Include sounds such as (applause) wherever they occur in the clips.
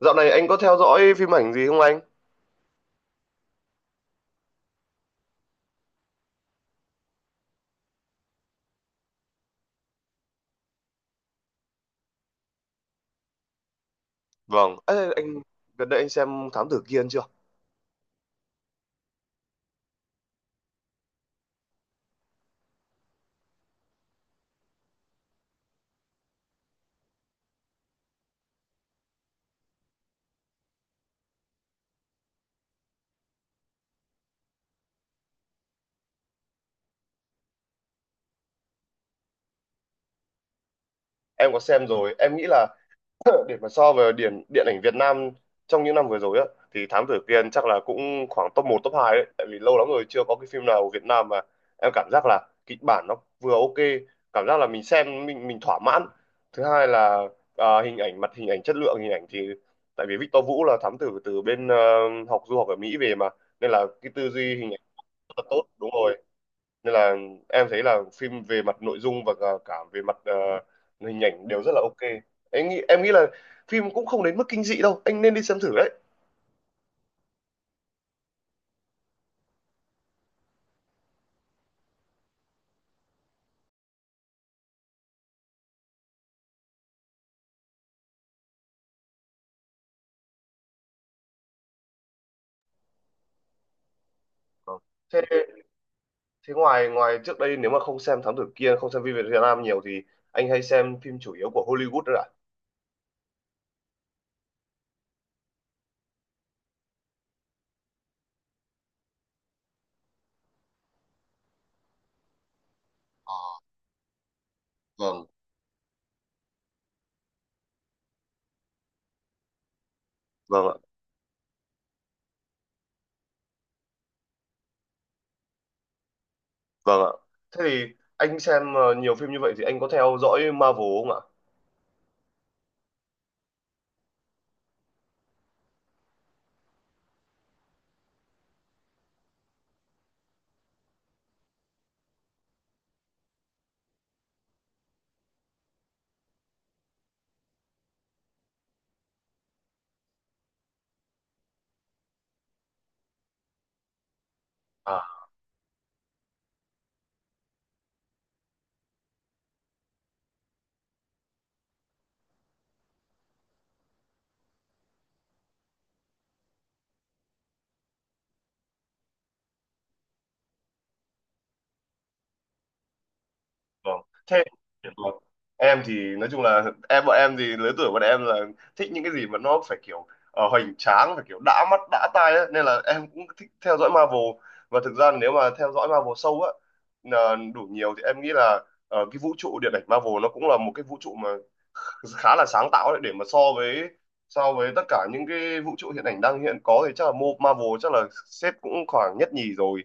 Dạo này anh có theo dõi phim ảnh gì không anh? Vâng. Ê, gần đây anh xem Thám Tử Kiên chưa? Em có xem rồi. Em nghĩ là (coughs) (clears throat) để mà so với điện điện ảnh Việt Nam trong những năm vừa rồi á, thì Thám Tử Kiên chắc là cũng khoảng top một top 2 đấy. Tại vì lâu lắm rồi chưa có cái phim nào của Việt Nam mà em cảm giác là kịch bản nó vừa ok, cảm giác là mình xem mình thỏa mãn. Thứ hai là, hình ảnh, mặt hình ảnh, chất lượng hình ảnh thì tại vì Victor Vũ là thám tử từ bên du học ở Mỹ về mà, nên là cái tư duy hình ảnh rất là tốt, đúng rồi. Nên là em thấy là phim về mặt nội dung và cả cả về mặt hình ảnh đều rất là ok. Em nghĩ là phim cũng không đến mức kinh dị đâu anh, nên đi xem thử đấy. Ờ. thế thế ngoài ngoài trước đây nếu mà không xem Thám Tử Kiên, không xem phim Việt Nam nhiều thì anh hay xem phim chủ yếu của Hollywood đấy ạ? Vâng. Vâng ạ. Vâng ạ. Thế thì anh xem nhiều phim như vậy thì anh có theo dõi Marvel không ạ? Vâng. Thế, vâng. Em thì nói chung là, bọn em thì lứa tuổi bọn em là thích những cái gì mà nó phải kiểu hoành tráng, phải kiểu đã mắt đã tai ấy. Nên là em cũng thích theo dõi Marvel. Và thực ra nếu mà theo dõi Marvel sâu á, là đủ nhiều thì em nghĩ là cái vũ trụ điện ảnh Marvel nó cũng là một cái vũ trụ mà khá là sáng tạo đấy, để mà so với tất cả những cái vũ trụ hiện ảnh đang hiện có thì chắc là Marvel chắc là xếp cũng khoảng nhất nhì rồi.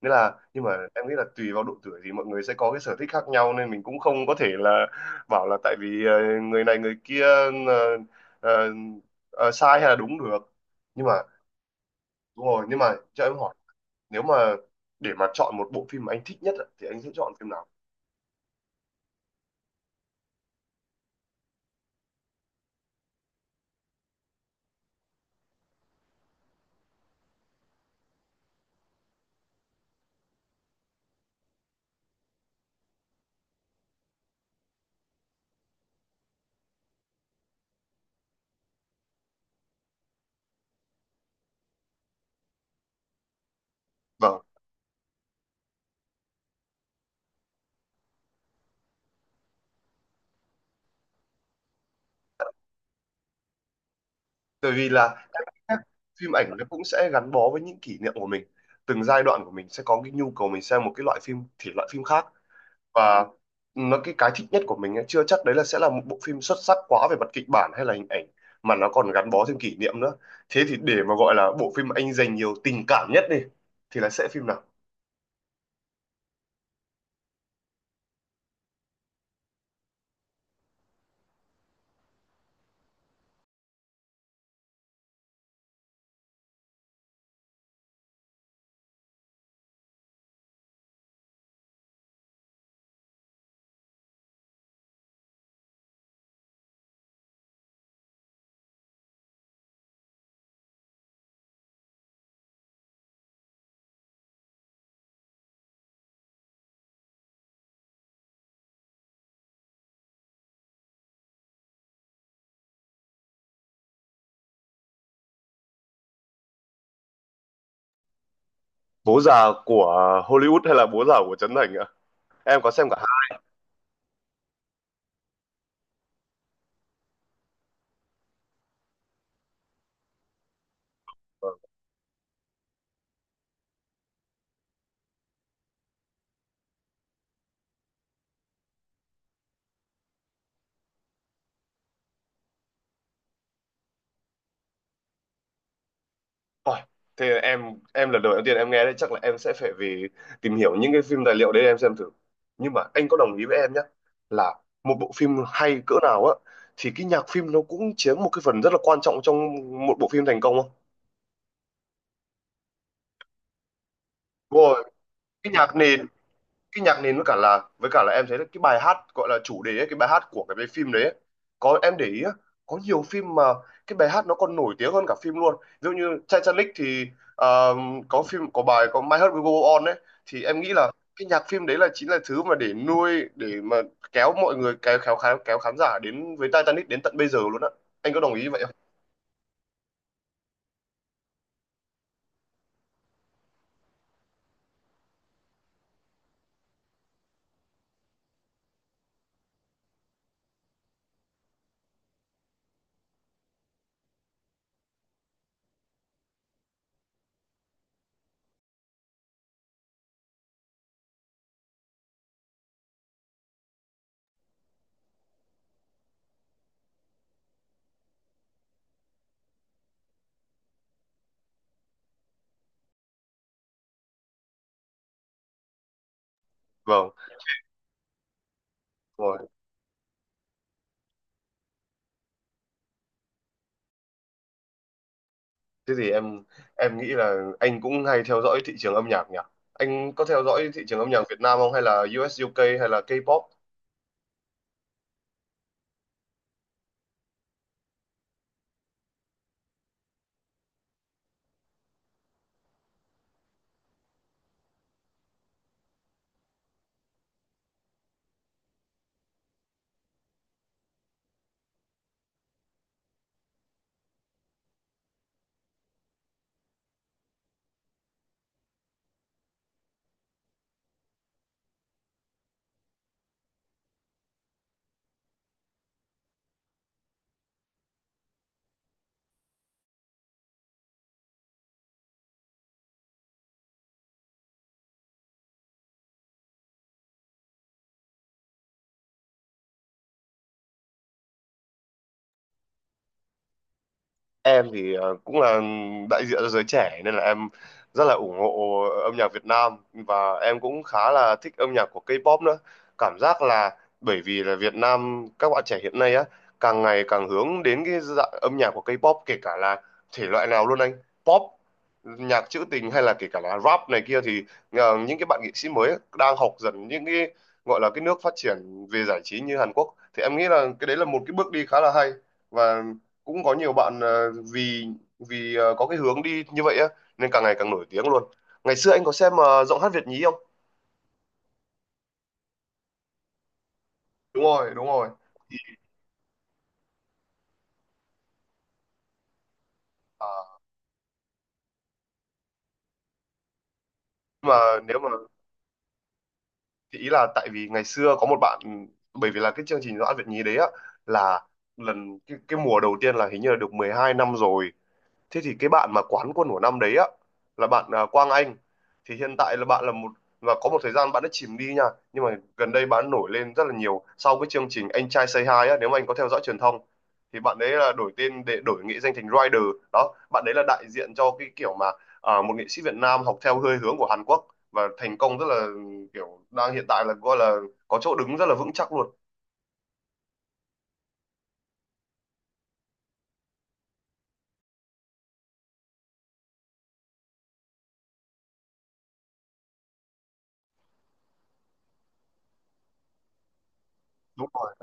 Nghĩa là, nhưng mà em nghĩ là tùy vào độ tuổi thì mọi người sẽ có cái sở thích khác nhau, nên mình cũng không có thể là bảo là tại vì người này người kia ờ, ờ, sai hay là đúng được. Nhưng mà đúng rồi, nhưng mà cho em hỏi, nếu mà để mà chọn một bộ phim mà anh thích nhất ạ, thì anh sẽ chọn phim nào? Vâng. Bởi vì là các phim ảnh nó cũng sẽ gắn bó với những kỷ niệm của mình. Từng giai đoạn của mình sẽ có cái nhu cầu mình xem một cái loại phim thể loại phim khác, và nó, cái thích nhất của mình ấy, chưa chắc đấy là sẽ là một bộ phim xuất sắc quá về mặt kịch bản hay là hình ảnh, mà nó còn gắn bó thêm kỷ niệm nữa. Thế thì để mà gọi là bộ phim anh dành nhiều tình cảm nhất đi, thì là sẽ phim nào? Bố Già của Hollywood hay là Bố Già của Trấn Thành ạ? Em có xem cả hai. Ôi, thế em lần đầu tiên em nghe đấy, chắc là em sẽ phải về tìm hiểu những cái phim tài liệu đấy em xem thử. Nhưng mà anh có đồng ý với em nhé, là một bộ phim hay cỡ nào á, thì cái nhạc phim nó cũng chiếm một cái phần rất là quan trọng trong một bộ phim thành công không? Đúng rồi, cái nhạc nền. Cái nhạc nền với cả là em thấy là cái bài hát gọi là chủ đề ấy, cái bài hát của cái phim đấy ấy. Có em để ý á, có nhiều phim mà cái bài hát nó còn nổi tiếng hơn cả phim luôn, ví dụ như Titanic thì ờ, có bài, có My Heart Will Go On ấy. Thì em nghĩ là cái nhạc phim đấy là chính là thứ mà để mà kéo mọi người kéo kéo khán giả đến với Titanic đến tận bây giờ luôn á. Anh có đồng ý vậy không? Vâng, rồi. Thế thì em nghĩ là anh cũng hay theo dõi thị trường âm nhạc nhỉ? Anh có theo dõi thị trường âm nhạc Việt Nam không, hay là US UK hay là K-pop? Em thì cũng là đại diện cho giới trẻ nên là em rất là ủng hộ âm nhạc Việt Nam, và em cũng khá là thích âm nhạc của K-pop nữa. Cảm giác là bởi vì là Việt Nam các bạn trẻ hiện nay á, càng ngày càng hướng đến cái dạng âm nhạc của K-pop, kể cả là thể loại nào luôn anh, pop, nhạc trữ tình hay là kể cả là rap này kia, thì những cái bạn nghệ sĩ mới đang học dần những cái gọi là cái nước phát triển về giải trí như Hàn Quốc, thì em nghĩ là cái đấy là một cái bước đi khá là hay. Và cũng có nhiều bạn vì vì có cái hướng đi như vậy á, nên càng ngày càng nổi tiếng luôn. Ngày xưa anh có xem giọng hát Việt nhí không? Đúng rồi, đúng rồi. Thì, ờ, mà nếu mà thì ý là tại vì ngày xưa có một bạn, bởi vì là cái chương trình giọng hát Việt nhí đấy á, là lần cái mùa đầu tiên là hình như là được 12 năm rồi. Thế thì cái bạn mà quán quân của năm đấy á, là bạn Quang Anh. Thì hiện tại là bạn là một, và có một thời gian bạn đã chìm đi nha, nhưng mà gần đây bạn nổi lên rất là nhiều sau cái chương trình Anh Trai Say Hi á, nếu mà anh có theo dõi truyền thông, thì bạn đấy là đổi tên để đổi nghệ danh thành Rider. Đó, bạn đấy là đại diện cho cái kiểu mà một nghệ sĩ Việt Nam học theo hơi hướng của Hàn Quốc, và thành công rất là kiểu đang hiện tại là gọi là có chỗ đứng rất là vững chắc luôn. Đúng rồi.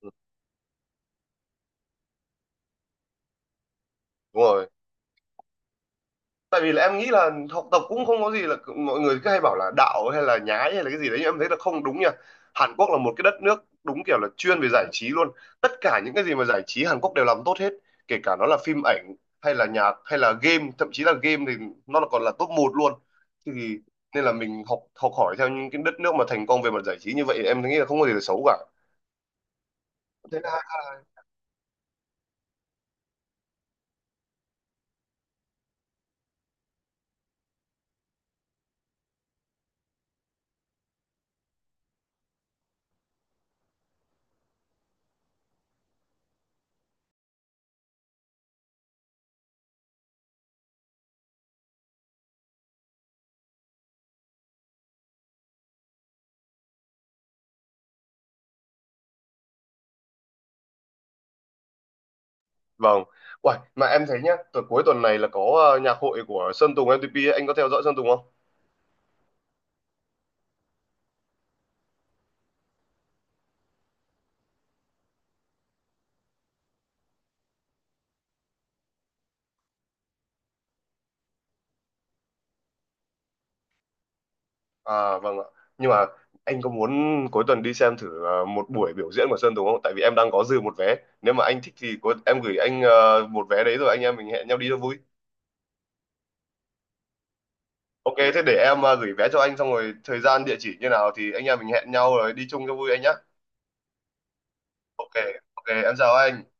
Ừ, đúng rồi. Tại vì là em nghĩ là học tập cũng không có gì, là mọi người cứ hay bảo là đạo hay là nhái hay là cái gì đấy, nhưng em thấy là không đúng nha. Hàn Quốc là một cái đất nước đúng kiểu là chuyên về giải trí luôn, tất cả những cái gì mà giải trí Hàn Quốc đều làm tốt hết, kể cả nó là phim ảnh hay là nhạc hay là game, thậm chí là game thì nó là còn là top một luôn. Thì nên là mình học học hỏi theo những cái đất nước mà thành công về mặt giải trí như vậy, em nghĩ là không có gì là xấu cả. Thế là- Vâng. Uầy, mà em thấy nhá, cuối tuần này là có nhạc hội của Sơn Tùng M-TP ấy. Anh có theo dõi Sơn Tùng không? À vâng ạ. Nhưng mà anh có muốn cuối tuần đi xem thử một buổi biểu diễn của Sơn Tùng không? Tại vì em đang có dư một vé. Nếu mà anh thích thì có, em gửi anh một vé đấy, rồi anh em mình hẹn nhau đi cho vui. Ok, thế để em gửi vé cho anh, xong rồi thời gian địa chỉ như nào thì anh em mình hẹn nhau rồi đi chung cho vui anh nhá. Ok, ok, em chào anh.